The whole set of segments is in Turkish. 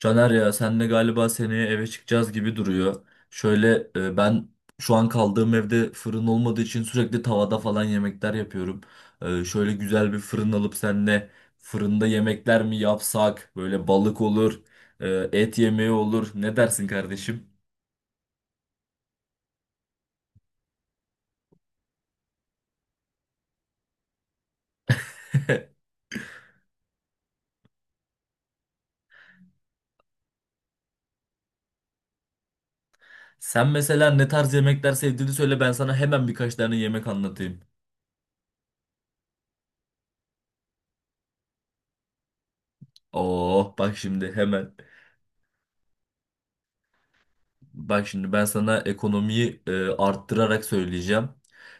Caner ya senle galiba seneye eve çıkacağız gibi duruyor. Şöyle ben şu an kaldığım evde fırın olmadığı için sürekli tavada falan yemekler yapıyorum. Şöyle güzel bir fırın alıp senle fırında yemekler mi yapsak? Böyle balık olur, et yemeği olur. Ne dersin kardeşim? Sen mesela ne tarz yemekler sevdiğini söyle ben sana hemen birkaç tane yemek anlatayım. Oh bak şimdi hemen. Bak şimdi ben sana ekonomiyi arttırarak söyleyeceğim.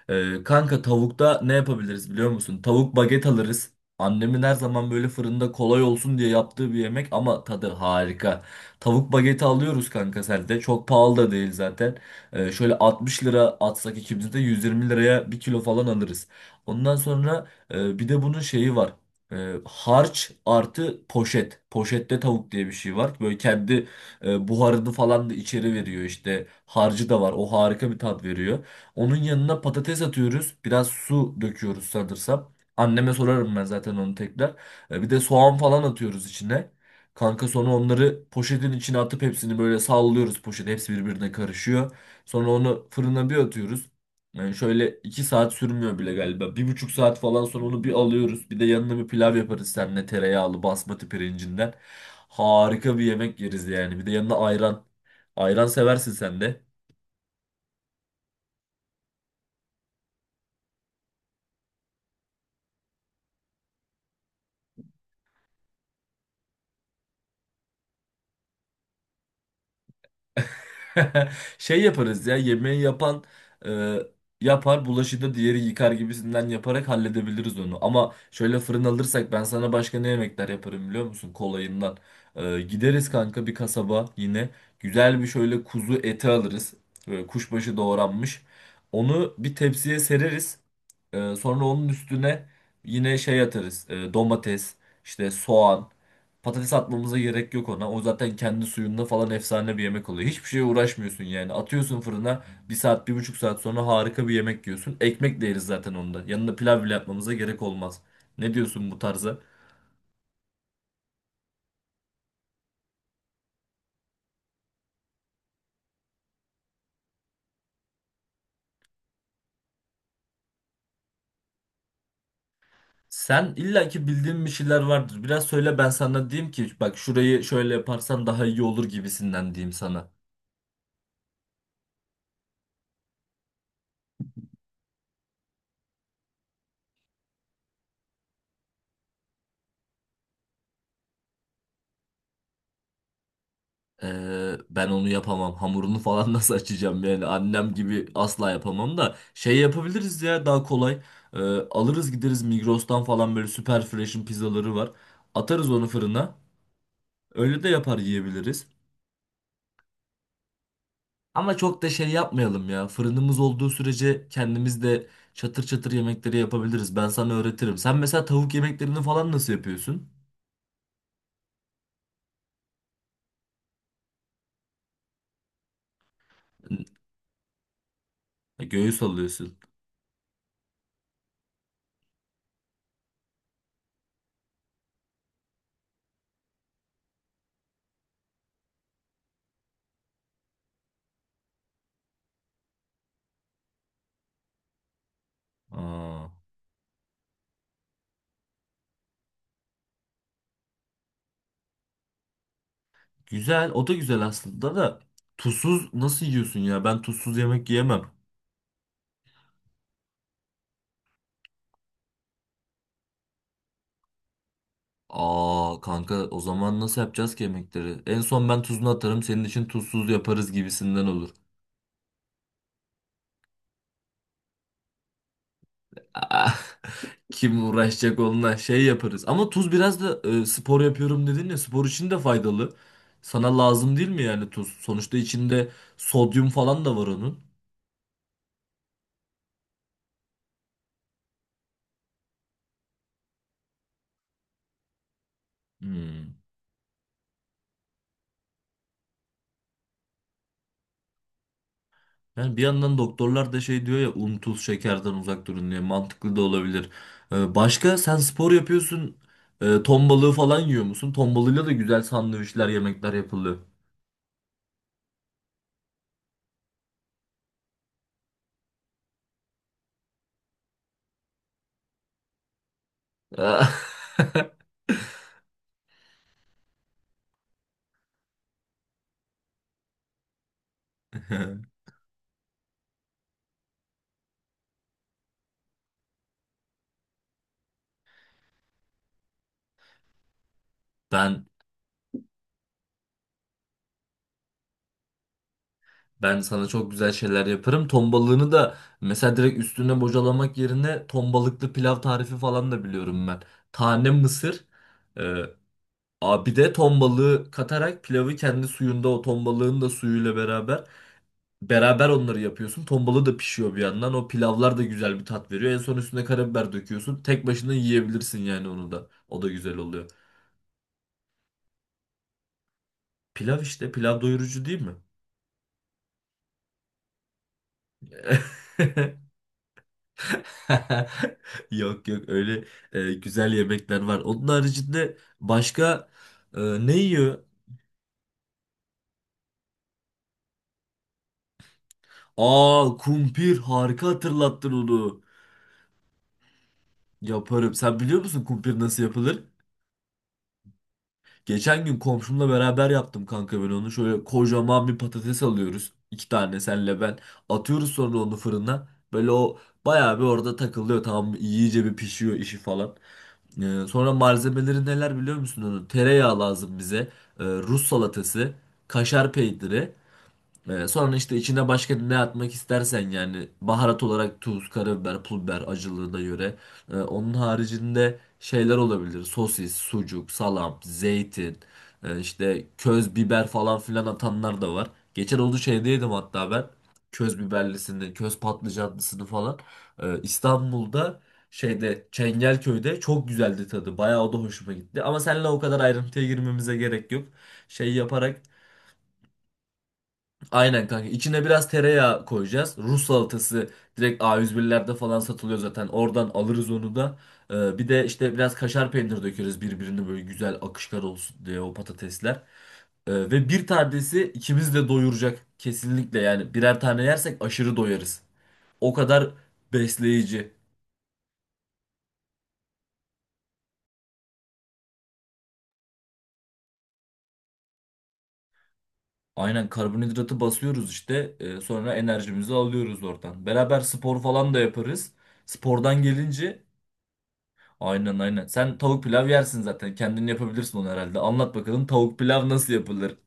Kanka tavukta ne yapabiliriz biliyor musun? Tavuk baget alırız. Annemin her zaman böyle fırında kolay olsun diye yaptığı bir yemek ama tadı harika. Tavuk bageti alıyoruz kanka selde. Çok pahalı da değil zaten. Şöyle 60 lira atsak ikimiz de 120 liraya bir kilo falan alırız. Ondan sonra bir de bunun şeyi var. Harç artı poşet. Poşette tavuk diye bir şey var. Böyle kendi buharını falan da içeri veriyor işte. Harcı da var. O harika bir tat veriyor. Onun yanına patates atıyoruz. Biraz su döküyoruz sanırsam. Anneme sorarım ben zaten onu tekrar. Bir de soğan falan atıyoruz içine. Kanka sonra onları poşetin içine atıp hepsini böyle sallıyoruz poşet. Hepsi birbirine karışıyor. Sonra onu fırına bir atıyoruz. Yani şöyle 2 saat sürmüyor bile galiba. 1,5 saat falan sonra onu bir alıyoruz. Bir de yanına bir pilav yaparız seninle tereyağlı basmati pirincinden. Harika bir yemek yeriz yani. Bir de yanına ayran. Ayran seversin sen de. Şey yaparız ya yemeği yapan e, yapar, bulaşığı da diğeri yıkar gibisinden yaparak halledebiliriz onu. Ama şöyle fırın alırsak ben sana başka ne yemekler yaparım biliyor musun kolayından. Gideriz kanka bir kasaba yine güzel bir şöyle kuzu eti alırız. Böyle kuşbaşı doğranmış. Onu bir tepsiye sereriz. Sonra onun üstüne yine şey atarız. Domates, işte soğan. Patates atmamıza gerek yok ona. O zaten kendi suyunda falan efsane bir yemek oluyor. Hiçbir şeye uğraşmıyorsun yani. Atıyorsun fırına 1 saat, 1,5 saat sonra harika bir yemek yiyorsun. Ekmek de yeriz zaten onda. Yanında pilav bile yapmamıza gerek olmaz. Ne diyorsun bu tarza? Sen illaki bildiğin bir şeyler vardır. Biraz söyle ben sana diyeyim ki bak şurayı şöyle yaparsan daha iyi olur gibisinden diyeyim sana. Ben onu yapamam. Hamurunu falan nasıl açacağım yani? Annem gibi asla yapamam da. Şey yapabiliriz ya daha kolay. Ee, Alırız gideriz Migros'tan falan böyle süper fresh'in pizzaları var. Atarız onu fırına. Öyle de yapar yiyebiliriz. Ama çok da şey yapmayalım ya. Fırınımız olduğu sürece kendimiz de çatır çatır yemekleri yapabiliriz. Ben sana öğretirim. Sen mesela tavuk yemeklerini falan nasıl yapıyorsun? Göğüs alıyorsun. Aa. Güzel. O da güzel aslında da. Tuzsuz nasıl yiyorsun ya? Ben tuzsuz yemek yiyemem. Aa kanka o zaman nasıl yapacağız ki yemekleri? En son ben tuzunu atarım senin için tuzsuz yaparız gibisinden olur. Aa, kim uğraşacak onunla şey yaparız. Ama tuz biraz da spor yapıyorum dedin ya spor için de faydalı. Sana lazım değil mi yani tuz? Sonuçta içinde sodyum falan da var onun. Hmm. Yani bir yandan doktorlar da şey diyor ya un tuz şekerden uzak durun diye mantıklı da olabilir. Başka sen spor yapıyorsun ton balığı falan yiyor musun? Ton balığıyla da güzel sandviçler yemekler yapılıyor. Ben ben sana çok güzel şeyler yaparım. Ton balığını da mesela direkt üstüne bocalamak yerine ton balıklı pilav tarifi falan da biliyorum ben. Tane mısır, e, bir de ton balığı katarak pilavı kendi suyunda o ton balığın da suyuyla beraber onları yapıyorsun. Tombalı da pişiyor bir yandan. O pilavlar da güzel bir tat veriyor. En son üstüne karabiber döküyorsun. Tek başına yiyebilirsin yani onu da. O da güzel oluyor. Pilav işte. Pilav doyurucu değil mi? Yok yok öyle güzel yemekler var. Onun haricinde başka e, ne yiyor? Aa kumpir harika hatırlattın onu. Yaparım. Sen biliyor musun kumpir nasıl yapılır? Geçen gün komşumla beraber yaptım kanka ben onu. Şöyle kocaman bir patates alıyoruz. 2 tane senle ben. Atıyoruz sonra onu fırına. Böyle o bayağı bir orada takılıyor. Tamam iyice bir pişiyor işi falan. Sonra malzemeleri neler biliyor musun onu? Tereyağı lazım bize. Rus salatası. Kaşar peyniri. Sonra işte içine başka ne atmak istersen yani baharat olarak tuz, karabiber, pul biber acılığına göre. Onun haricinde şeyler olabilir. Sosis, sucuk, salam, zeytin, işte köz biber falan filan atanlar da var. Geçen olduğu şeyde yedim hatta ben. Köz biberlisini, köz patlıcanlısını falan. İstanbul'da şeyde Çengelköy'de çok güzeldi tadı. Bayağı o da hoşuma gitti. Ama seninle o kadar ayrıntıya girmemize gerek yok. Şey yaparak. Aynen kanka. İçine biraz tereyağı koyacağız. Rus salatası direkt A101'lerde falan satılıyor zaten. Oradan alırız onu da. Bir de işte biraz kaşar peynir dökeriz birbirine böyle güzel akışkar olsun diye o patatesler. Ve bir tanesi ikimiz de doyuracak. Kesinlikle yani birer tane yersek aşırı doyarız. O kadar besleyici. Aynen karbonhidratı basıyoruz işte. Sonra enerjimizi alıyoruz oradan. Beraber spor falan da yaparız. Spordan gelince. Aynen aynen. Sen tavuk pilav yersin zaten. Kendin yapabilirsin onu herhalde. Anlat bakalım tavuk pilav nasıl yapılır?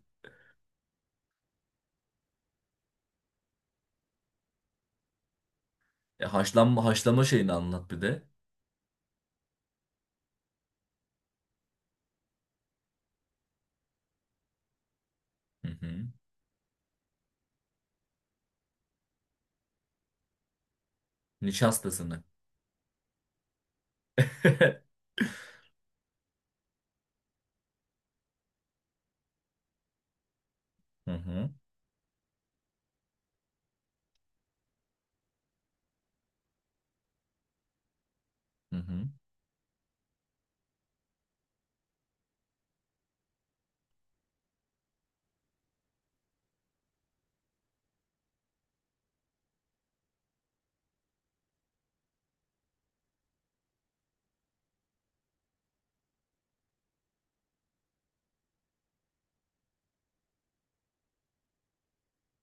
E, haşlanma haşlama şeyini anlat bir de. Hı hı. Nişastasını. Hı hı. Hı hı.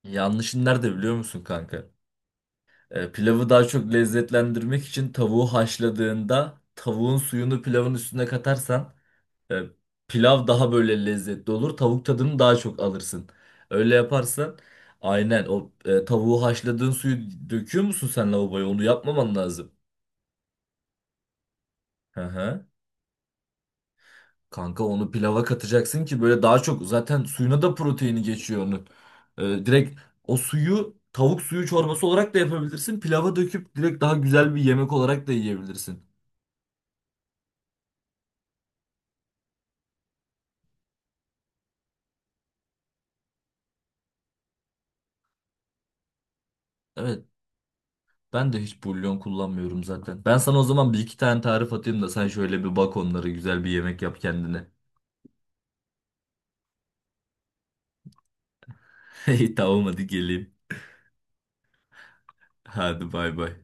Yanlışın nerede biliyor musun kanka? Pilavı daha çok lezzetlendirmek için tavuğu haşladığında tavuğun suyunu pilavın üstüne katarsan, E, pilav daha böyle lezzetli olur. Tavuk tadını daha çok alırsın. Öyle yaparsan aynen o tavuğu haşladığın suyu döküyor musun sen lavaboya? Onu yapmaman lazım. Hı hı. Kanka onu pilava katacaksın ki böyle daha çok zaten suyuna da proteini geçiyor onun. Direkt o suyu tavuk suyu çorbası olarak da yapabilirsin. Pilava döküp direkt daha güzel bir yemek olarak da yiyebilirsin. Evet ben de hiç bulyon kullanmıyorum zaten. Ben sana o zaman bir iki tane tarif atayım da sen şöyle bir bak onları güzel bir yemek yap kendine. İyi, tamam hadi geleyim. Hadi bay bay.